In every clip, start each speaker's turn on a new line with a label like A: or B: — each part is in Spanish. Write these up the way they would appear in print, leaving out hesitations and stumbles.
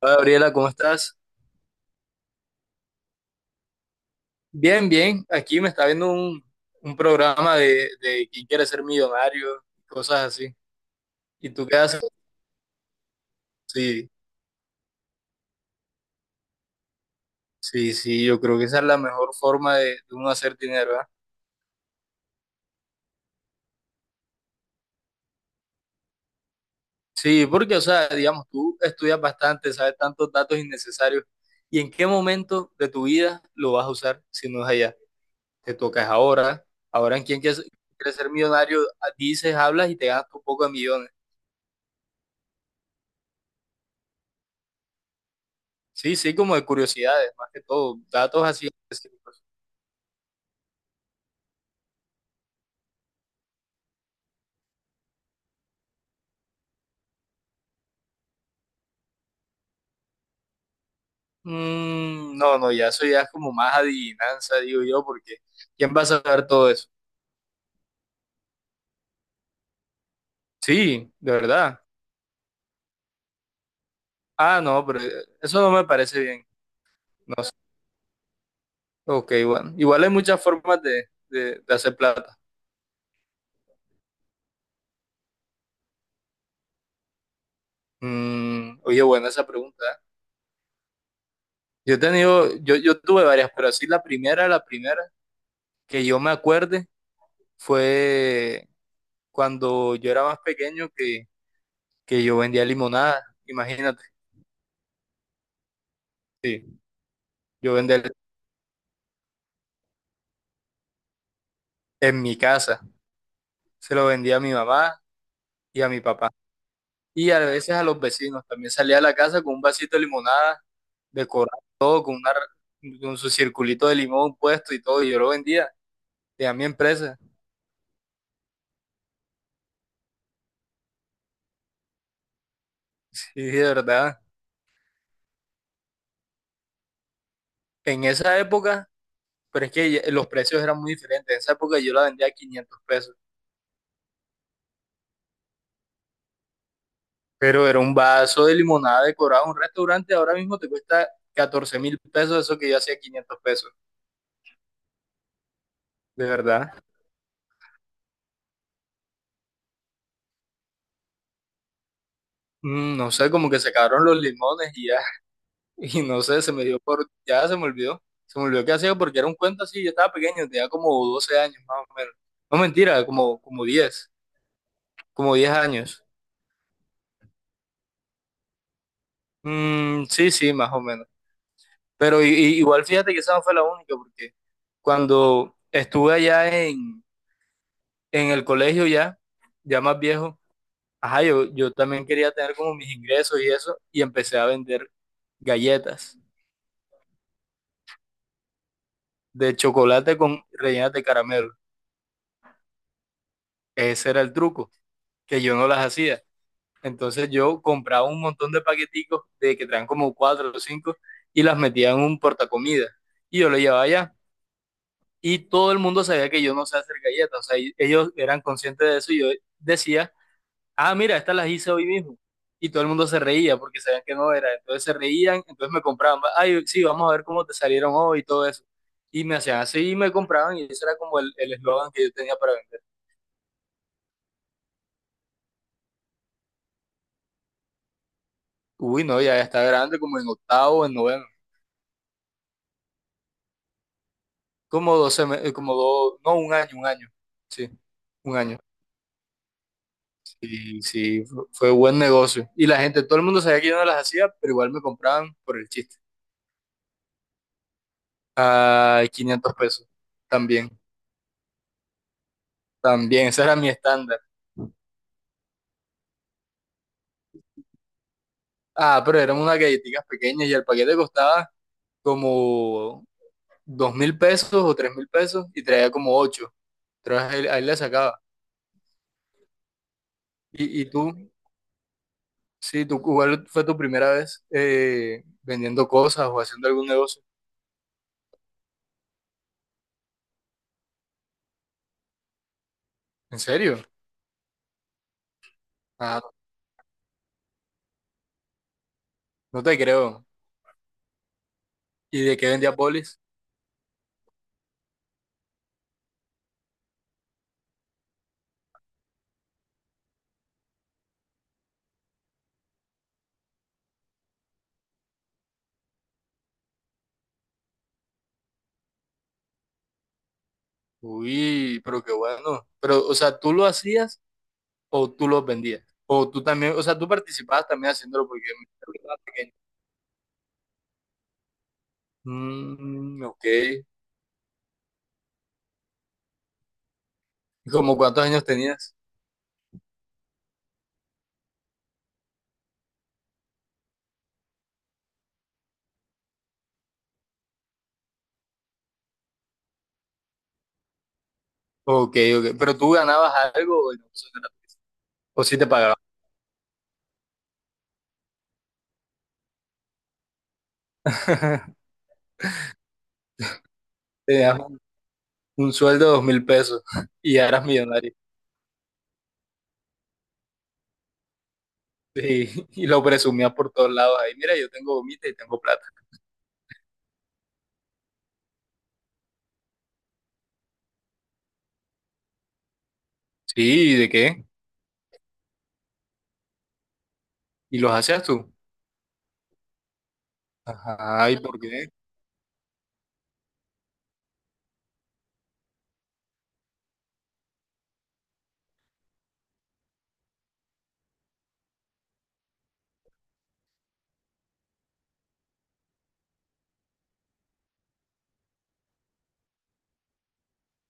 A: Hola Gabriela, ¿cómo estás? Bien, bien. Aquí me está viendo un programa de quién quiere ser millonario, cosas así. ¿Y tú qué haces? Sí, sí, sí, yo creo que esa es la mejor forma de uno hacer dinero, ¿verdad? Sí, porque, o sea, digamos, tú estudias bastante, sabes tantos datos innecesarios. ¿Y en qué momento de tu vida lo vas a usar si no es allá? Te tocas ahora. Ahora en quién quiere ser millonario. Ah, dices, hablas y te gastas un poco de millones. Sí, sí, como de curiosidades, más que todo, datos así específicos. Mm, no, no, ya eso ya es como más adivinanza, digo yo, porque ¿quién va a saber todo eso? Sí, de verdad. Ah, no, pero eso no me parece bien. No sé. Ok, bueno. Igual hay muchas formas de hacer plata. Oye, buena esa pregunta. ¿Eh? Yo he tenido, yo tuve varias, pero así la primera que yo me acuerde fue cuando yo era más pequeño que yo vendía limonada, imagínate. Sí. yo vender en mi casa. Se lo vendía a mi mamá y a mi papá. Y a veces a los vecinos. También salía a la casa con un vasito de limonada, decorado todo, con, una, con su circulito de limón puesto y todo. Y yo lo vendía. Tenía mi empresa. Sí, de verdad. En esa época, pero es que los precios eran muy diferentes. En esa época yo la vendía a 500 pesos. Pero era un vaso de limonada decorado en un restaurante. Ahora mismo te cuesta 14 mil pesos eso que yo hacía 500 pesos. De verdad. No sé, como que se acabaron los limones y ya. Y no sé, se me dio por, ya se me olvidó qué hacía porque era un cuento así, yo estaba pequeño, tenía como 12 años más o menos. No mentira, como 10 años. Mm, sí, sí, más o menos. Pero igual fíjate que esa no fue la única porque cuando estuve allá en el colegio ya, ya más viejo, ajá, yo también quería tener como mis ingresos y eso y empecé a vender galletas de chocolate con rellenas de caramelo. Ese era el truco, que yo no las hacía. Entonces yo compraba un montón de paqueticos de que traen como cuatro o cinco y las metía en un portacomida y yo lo llevaba allá. Y todo el mundo sabía que yo no sé hacer galletas, o sea, ellos eran conscientes de eso y yo decía, ah, mira, estas las hice hoy mismo. Y todo el mundo se reía porque sabían que no era, entonces se reían, entonces me compraban, ay, sí, vamos a ver cómo te salieron hoy y todo eso. Y me hacían así y me compraban y ese era como el eslogan que yo tenía para vender. Uy, no, ya está grande, como en octavo, en noveno. Como dos, como dos, no, un año, un año. Sí, un año. Sí, sí, fue buen negocio. Y la gente, todo el mundo sabía que yo no las hacía, pero igual me compraban por el chiste. A 500 pesos. También, también, ese era mi estándar. Ah, pero eran unas galletitas pequeñas y el paquete costaba como 2.000 pesos o 3.000 pesos y traía como ocho. Entonces ahí, ahí le sacaba. ¿Y tú? Sí, tú, ¿cuál fue tu primera vez vendiendo cosas o haciendo algún negocio? ¿En serio? Ah, no te creo. ¿Y de qué vendías bolis? Uy, pero qué bueno. Pero, o sea, ¿tú lo hacías o tú los vendías? O tú también, o sea, tú participabas también haciéndolo porque me dijiste que estabas pequeño. Mm, ok. ¿Y como cuántos años tenías? Ok, ok. ¿Pero tú ganabas algo o no? Eso no era gratis. ¿O sí te pagaban? Tenías un sueldo de 2.000 pesos y ya eras millonario. Sí, y lo presumías por todos lados. Ahí, mira, yo tengo gomita y tengo plata. Sí, ¿y de qué? ¿Y los hacías tú? Ajá, ¿y por qué?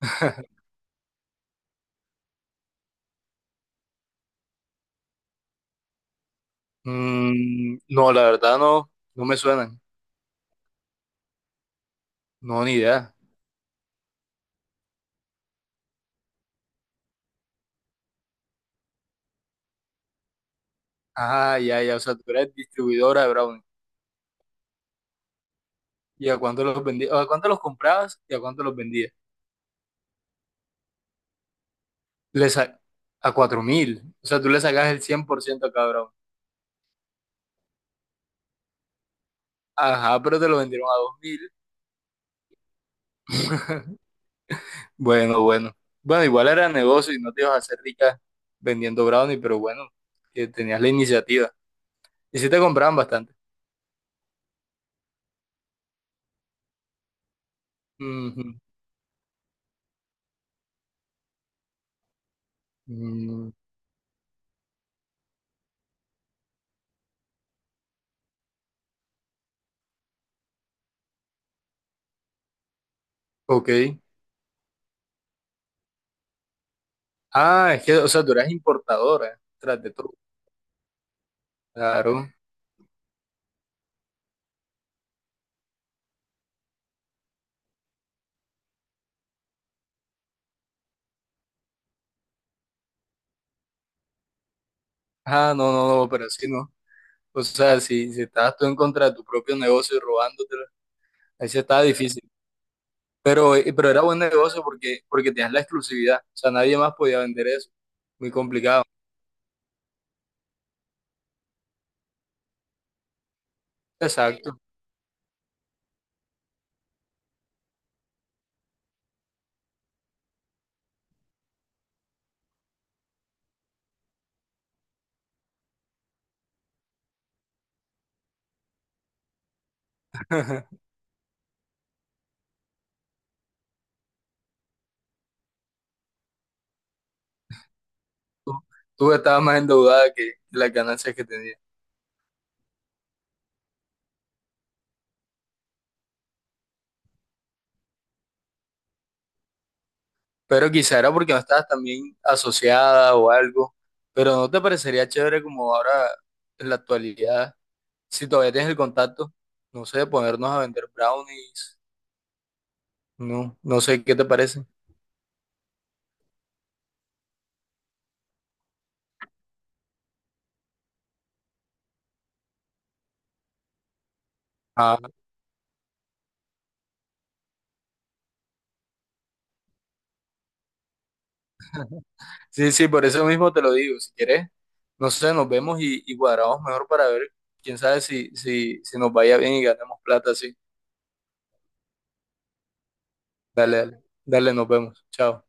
A: Mm, no, la verdad no, no me suenan. No, ni idea. Ah, ya, ya. O sea, tú eres distribuidora de Brownie. ¿Y a cuánto los vendías? ¿A cuánto los comprabas y a cuánto los vendías? Le sa- a 4.000. O sea, tú le sacas el 100% a cada Brownie. Ajá, pero te lo vendieron a 2.000. Bueno, bueno. Bueno, igual era negocio y no te ibas a hacer rica vendiendo Brownie, pero bueno, que tenías la iniciativa. Y sí te compraban bastante. Ujú. Mm, ok. Ah, es que, o sea, tú eras importadora, tras de todo. Claro. Ah, no, no, no, pero así no. O sea, si estabas tú en contra de tu propio negocio y robándotelo, ahí sí estaba difícil. Pero era buen negocio porque tenías la exclusividad. O sea, nadie más podía vender eso. Muy complicado. Exacto. Tú, tú estabas más endeudada que las ganancias que tenías. Pero quizá era porque no estabas también asociada o algo. Pero ¿no te parecería chévere como ahora en la actualidad, si todavía tienes el contacto, no sé, ponernos a vender brownies? No, no sé, ¿qué te parece? Ah. Sí, sí, por eso mismo te lo digo. Si quieres, no sé, nos vemos y cuadramos mejor para ver, quién sabe si nos vaya bien y ganemos plata, sí. Dale, dale, dale, nos vemos. Chao.